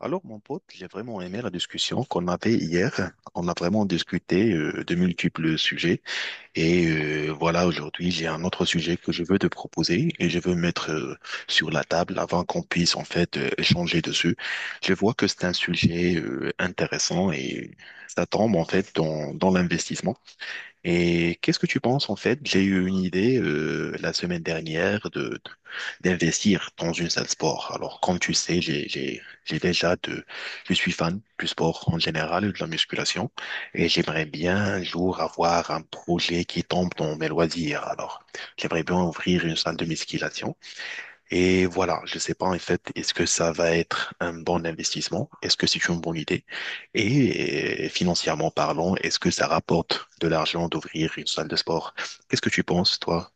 Alors, mon pote, j'ai vraiment aimé la discussion qu'on avait hier. On a vraiment discuté de multiples sujets. Et voilà, aujourd'hui, j'ai un autre sujet que je veux te proposer et je veux mettre sur la table avant qu'on puisse en fait échanger dessus. Je vois que c'est un sujet intéressant et ça tombe en fait dans l'investissement. Et qu'est-ce que tu penses en fait? J'ai eu une idée la semaine dernière d'investir dans une salle sport. Alors comme tu sais, j'ai déjà de je suis fan du sport en général et de la musculation et j'aimerais bien un jour avoir un projet qui tombe dans mes loisirs. Alors j'aimerais bien ouvrir une salle de musculation et voilà, je ne sais pas en fait, est-ce que ça va être un bon investissement? Est-ce que c'est une bonne idée? Et financièrement parlant, est-ce que ça rapporte de l'argent d'ouvrir une salle de sport? Qu'est-ce que tu penses, toi?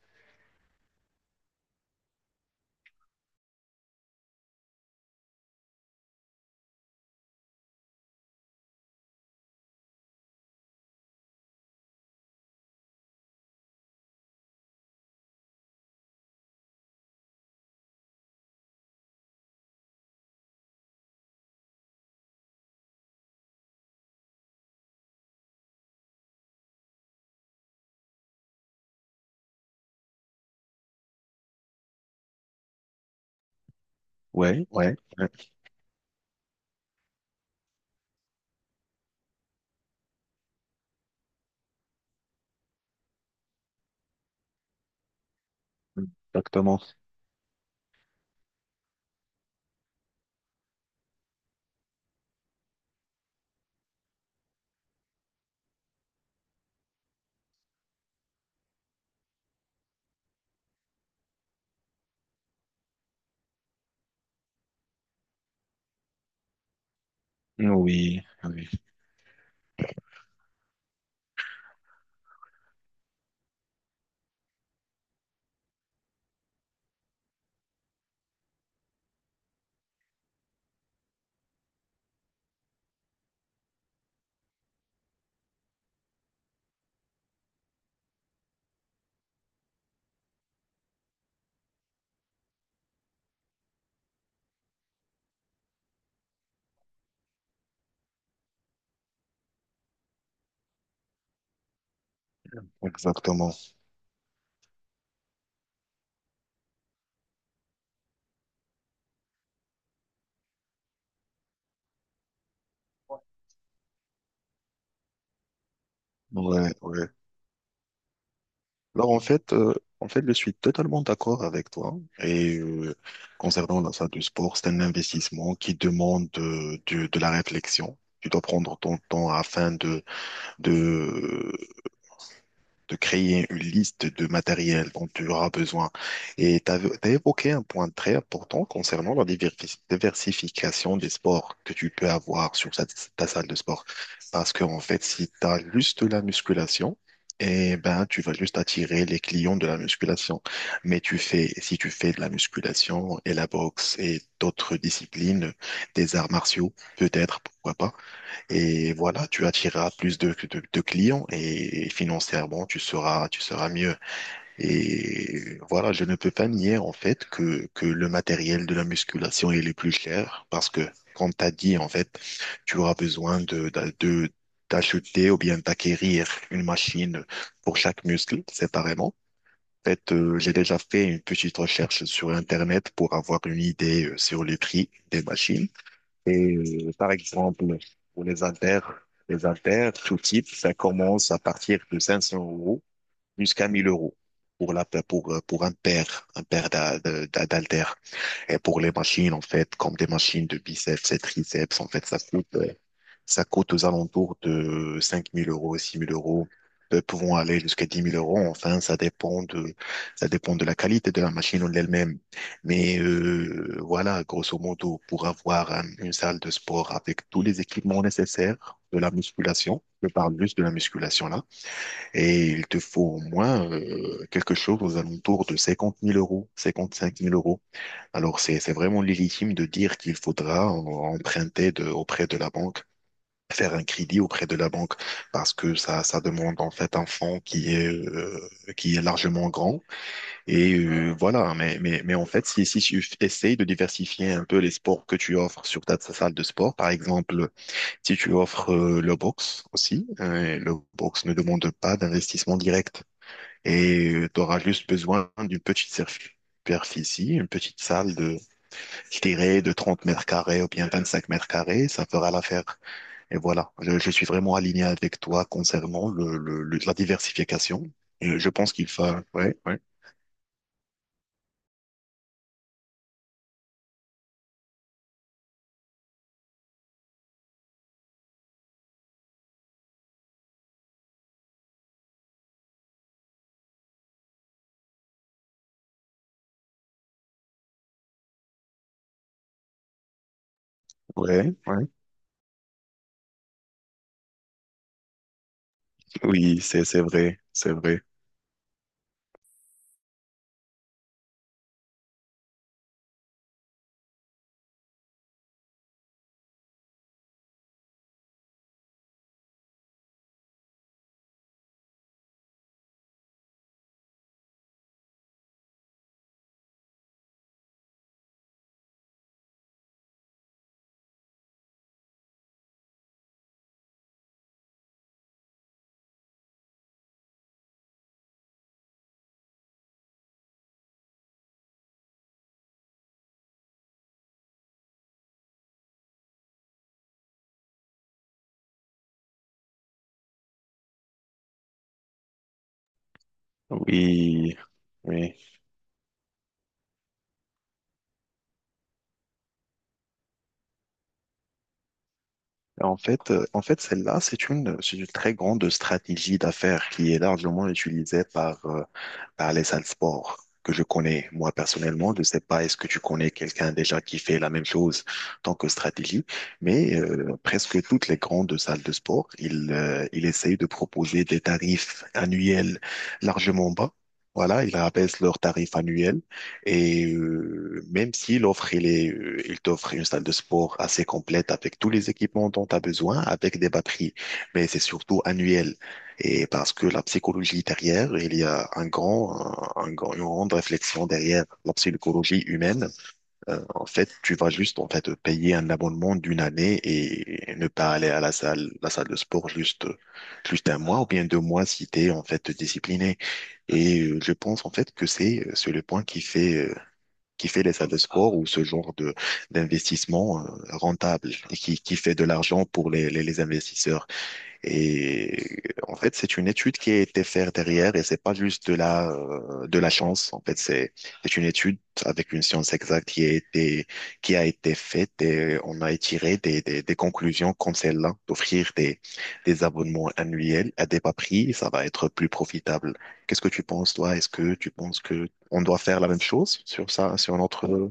Ouais, ouais, ouais, exactement. Oui, oui, exactement. Ouais, ouais. Alors en fait, je suis totalement d'accord avec toi. Et concernant la salle de sport, c'est un investissement qui demande de la réflexion. Tu dois prendre ton temps afin de, de créer une liste de matériel dont tu auras besoin. Et tu as évoqué un point très important concernant la diversification des sports que tu peux avoir sur ta salle de sport. Parce que, en fait, si tu as juste la musculation, et ben, tu vas juste attirer les clients de la musculation. Si tu fais de la musculation et la boxe et d'autres disciplines, des arts martiaux, peut-être, pourquoi pas, et voilà, tu attireras plus de clients et financièrement, tu seras mieux. Et voilà, je ne peux pas nier en fait que le matériel de la musculation il est le plus cher parce que, comme tu as dit, en fait, tu auras besoin d'acheter ou bien d'acquérir une machine pour chaque muscle séparément. En fait, j'ai déjà fait une petite recherche sur Internet pour avoir une idée sur les prix des machines. Et par exemple, pour les haltères, tout type, ça commence à partir de 500 euros jusqu'à 1000 euros pour pour un paire d'haltères. Et pour les machines, en fait, comme des machines de biceps et triceps, en fait, ça coûte aux alentours de 5 000 euros, 6 000 euros, pouvant aller jusqu'à 10 000 euros. Enfin, ça dépend de la qualité de la machine en elle-même. Mais voilà, grosso modo, pour avoir une salle de sport avec tous les équipements nécessaires de la musculation, je parle juste de la musculation là, et il te faut au moins quelque chose aux alentours de 50 000 euros, 55 000 euros. Alors, c'est vraiment légitime de dire qu'il faudra emprunter auprès de la banque, faire un crédit auprès de la banque parce que ça demande en fait un fonds qui est largement grand. Et voilà, mais en fait, si tu essayes de diversifier un peu les sports que tu offres sur ta salle de sport, par exemple, si tu offres le box aussi, le box ne demande pas d'investissement direct et tu auras juste besoin d'une petite superficie, une petite salle de, je dirais, de 30 m² ou bien 25 m², ça fera l'affaire. Et voilà, je suis vraiment aligné avec toi concernant la diversification. Et je pense qu'il faut... Ouais, ouais, ouais, ouais. Oui, c'est vrai, c'est vrai. Oui, oui. En fait, celle-là, c'est une très grande stratégie d'affaires qui est largement utilisée par les salles sport que je connais. Moi, personnellement, je ne sais pas, est-ce que tu connais quelqu'un déjà qui fait la même chose en tant que stratégie, mais presque toutes les grandes salles de sport, ils essayent de proposer des tarifs annuels largement bas. Voilà, ils abaissent leurs tarifs annuels et même si il t'offre une salle de sport assez complète avec tous les équipements dont tu as besoin, avec des batteries, mais c'est surtout annuel. Et parce que la psychologie derrière, il y a un grand- une grande réflexion derrière la psychologie humaine. En fait, tu vas juste en fait payer un abonnement d'une année et ne pas aller à la salle de sport juste un mois ou bien 2 mois si tu es en fait discipliné. Et je pense en fait que c'est le point qui fait les salles de sport ou ce genre de d'investissement rentable et qui fait de l'argent pour les investisseurs. Et en fait, c'est une étude qui a été faite derrière et c'est pas juste de la chance. En fait, c'est une étude avec une science exacte qui a été faite et on a tiré des conclusions comme celle-là, d'offrir des abonnements annuels à des bas prix, ça va être plus profitable. Qu'est-ce que tu penses, toi? Est-ce que tu penses que on doit faire la même chose sur ça, sur notre,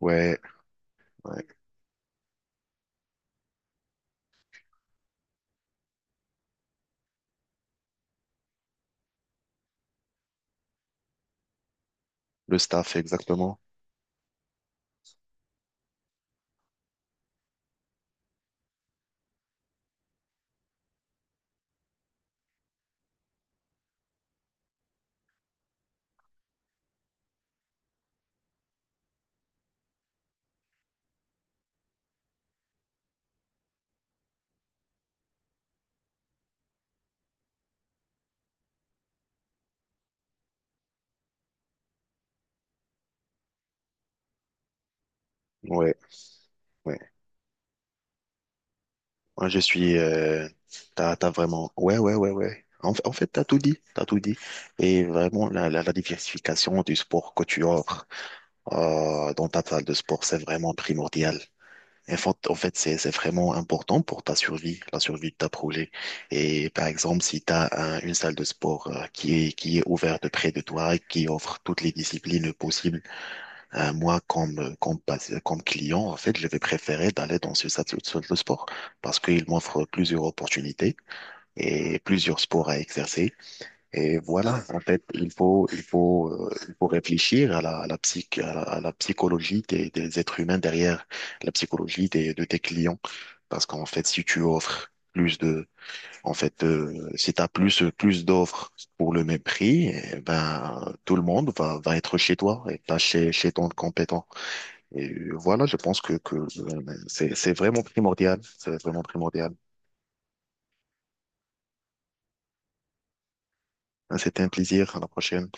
ouais, ouais, le staff, exactement. Ouais. Ouais. Moi, je suis. T'as vraiment. Ouais, ouais, ouais, ouais. En fait, t'as tout dit. T'as tout dit. Et vraiment, la diversification du sport que tu offres dans ta salle de sport, c'est vraiment primordial. En fait, c'est vraiment important pour ta survie, la survie de ta projet. Et par exemple, si tu as une salle de sport qui est ouverte près de toi et qui offre toutes les disciplines possibles, moi, comme, comme, pas- comme client, en fait, je vais préférer d'aller dans ce salle de sport parce qu'il m'offre plusieurs opportunités et plusieurs sports à exercer. Et voilà, en fait, il faut réfléchir à la psychologie des êtres humains derrière la psychologie de tes clients. Parce qu'en fait, si tu offres plus de, en fait, si t'as plus d'offres pour le même prix, eh ben, tout le monde va être chez toi et pas chez, chez ton compétent. Et voilà, je pense que c'est vraiment primordial. C'est vraiment primordial. C'était un plaisir. À la prochaine.